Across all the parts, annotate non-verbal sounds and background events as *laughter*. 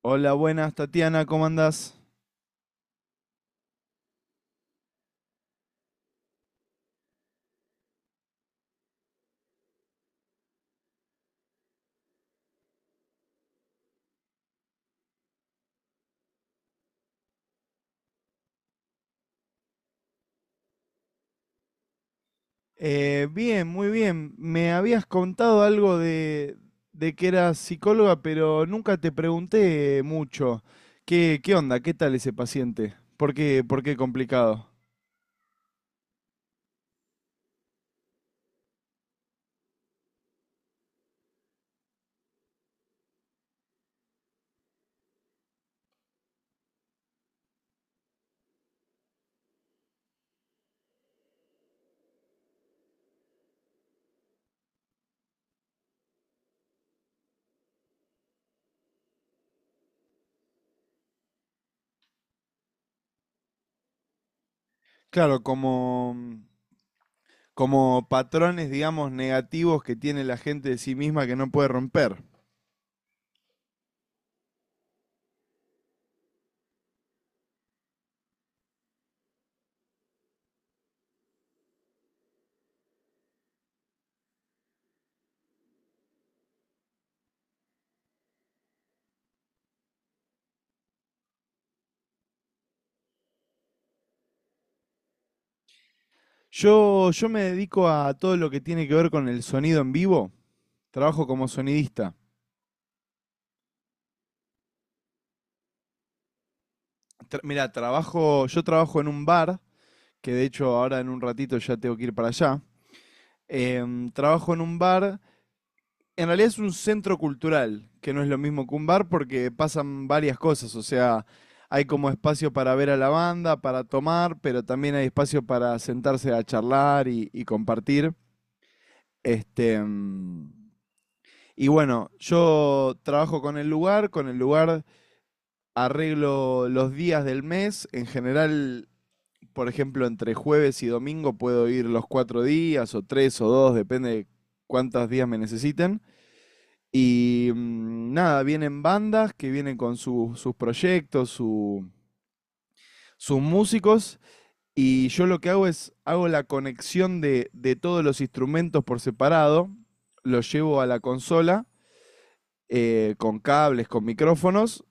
Hola, buenas, Tatiana, ¿cómo andás? Bien, muy bien. Me habías contado algo de que eras psicóloga, pero nunca te pregunté mucho. ¿Qué onda? ¿Qué tal ese paciente? ¿Por qué complicado? Claro, como patrones, digamos, negativos que tiene la gente de sí misma que no puede romper. Yo me dedico a todo lo que tiene que ver con el sonido en vivo. Trabajo como sonidista. Mira, yo trabajo en un bar, que de hecho ahora en un ratito ya tengo que ir para allá. Trabajo en un bar, en realidad es un centro cultural, que no es lo mismo que un bar porque pasan varias cosas, o sea, hay como espacio para ver a la banda, para tomar, pero también hay espacio para sentarse a charlar y compartir. Este, em, Y bueno, yo trabajo con el lugar arreglo los días del mes. En general, por ejemplo, entre jueves y domingo puedo ir los cuatro días o tres o dos, depende de cuántos días me necesiten. Y nada, vienen bandas que vienen con sus proyectos, sus músicos. Y yo lo que hago es, hago la conexión de todos los instrumentos por separado, los llevo a la consola, con cables, con micrófonos,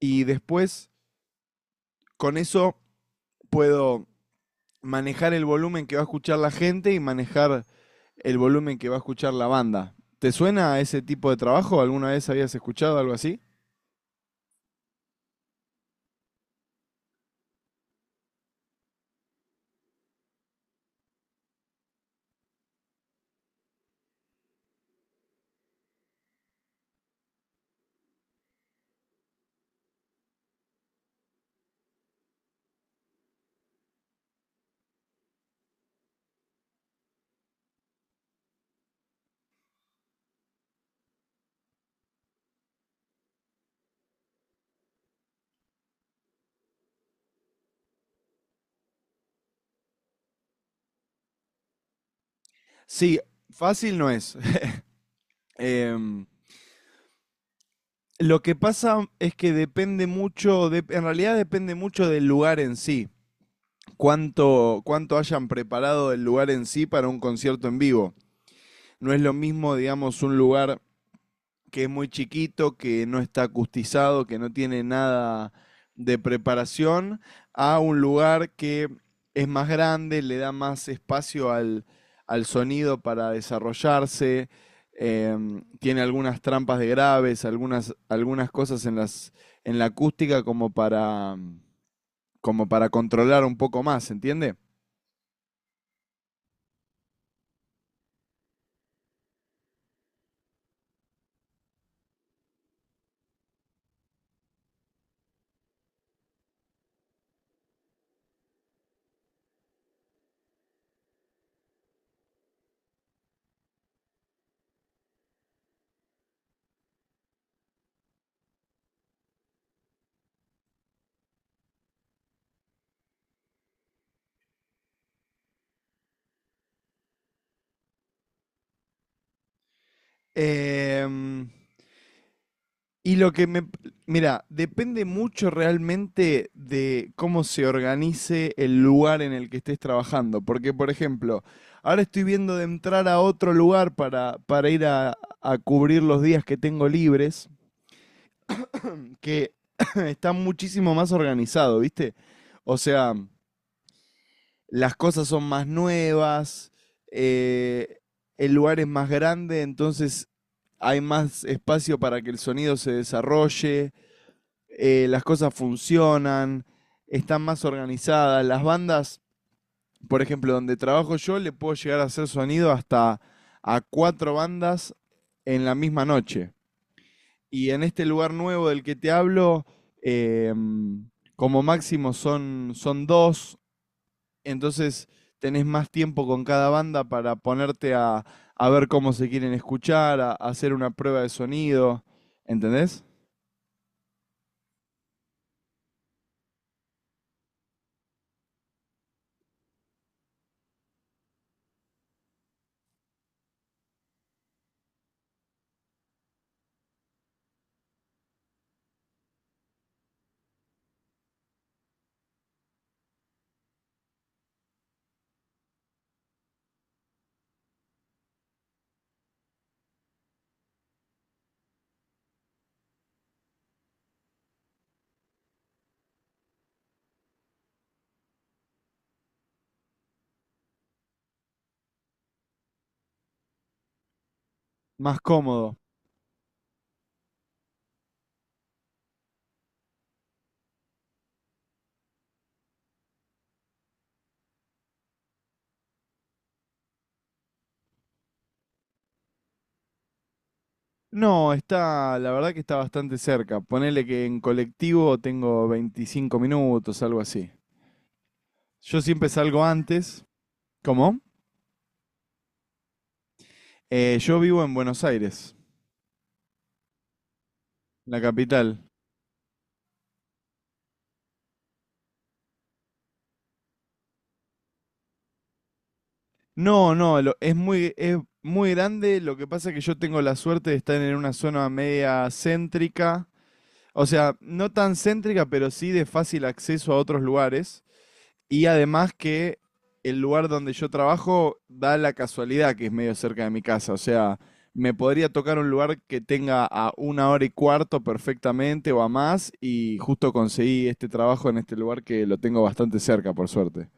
y después con eso puedo manejar el volumen que va a escuchar la gente y manejar el volumen que va a escuchar la banda. ¿Te suena a ese tipo de trabajo? ¿Alguna vez habías escuchado algo así? Sí, fácil no es. *laughs* Em, lo que pasa es que depende mucho, en realidad depende mucho del lugar en sí. Cuánto hayan preparado el lugar en sí para un concierto en vivo. No es lo mismo, digamos, un lugar que es muy chiquito, que no está acustizado, que no tiene nada de preparación, a un lugar que es más grande, le da más espacio al sonido para desarrollarse, tiene algunas trampas de graves, algunas cosas en la acústica como como para controlar un poco más, ¿entiende? Em, Y lo que me... Mira, depende mucho realmente de cómo se organice el lugar en el que estés trabajando. Porque, por ejemplo, ahora estoy viendo de entrar a otro lugar para ir a cubrir los días que tengo libres, que *coughs* *clears throat* está muchísimo más organizado, ¿viste? O sea, las cosas son más nuevas, eh, el lugar es más grande, entonces hay más espacio para que el sonido se desarrolle. Las cosas funcionan, están más organizadas. Las bandas, por ejemplo, donde trabajo yo, le puedo llegar a hacer sonido hasta a cuatro bandas en la misma noche. Y en este lugar nuevo del que te hablo, eh, como máximo son dos, entonces tenés más tiempo con cada banda para ponerte a ver cómo se quieren escuchar, a hacer una prueba de sonido, ¿entendés? Más cómodo. No, está, la verdad que está bastante cerca. Ponele que en colectivo tengo 25 minutos, algo así. Yo siempre salgo antes. ¿Cómo? Yo vivo en Buenos Aires, la capital. No, no, es muy grande. Lo que pasa es que yo tengo la suerte de estar en una zona media céntrica. O sea, no tan céntrica, pero sí de fácil acceso a otros lugares. Y además que el lugar donde yo trabajo da la casualidad que es medio cerca de mi casa. O sea, me podría tocar un lugar que tenga a una hora y cuarto perfectamente o a más. Y justo conseguí este trabajo en este lugar que lo tengo bastante cerca, por suerte.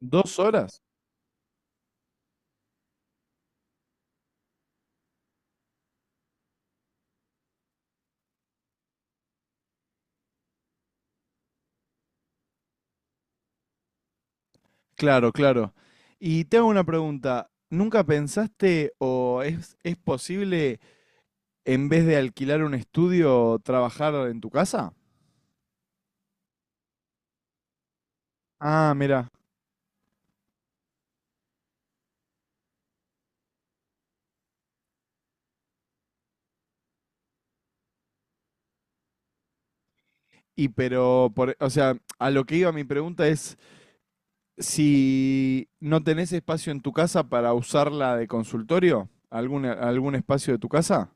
¿Dos horas? Claro, claro. Y te hago una pregunta. ¿Nunca pensaste o es posible en vez de alquilar un estudio, trabajar en tu casa? Ah, mira. O sea, a lo que iba mi pregunta es si no tenés espacio en tu casa para usarla de consultorio, algún espacio de tu casa.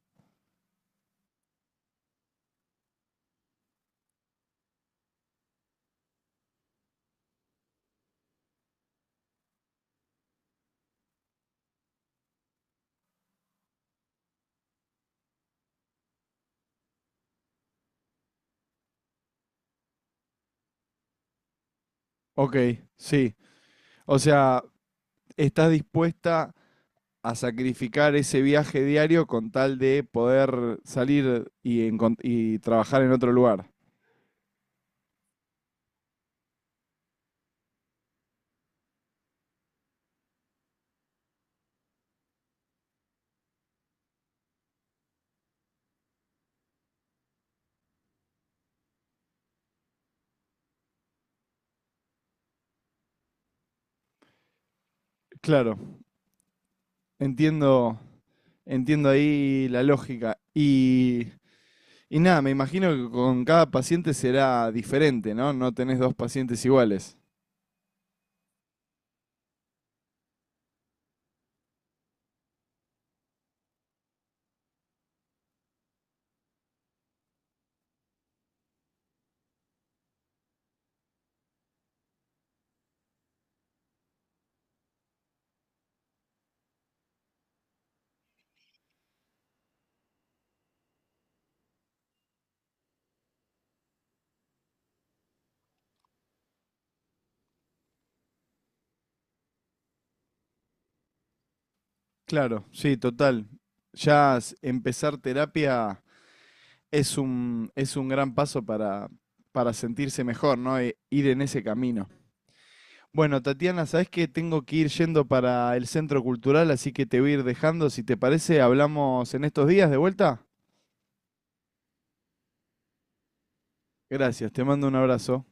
Ok, sí. O sea, estás dispuesta a sacrificar ese viaje diario con tal de poder salir y trabajar en otro lugar. Claro, entiendo, entiendo ahí la lógica. Y nada, me imagino que con cada paciente será diferente, ¿no? No tenés dos pacientes iguales. Claro, sí, total. Empezar terapia es es un gran paso para sentirse mejor, ¿no? Ir en ese camino. Bueno, Tatiana, sabes que tengo que ir yendo para el centro cultural, así que te voy a ir dejando. Si te parece, hablamos en estos días de vuelta. Gracias, te mando un abrazo.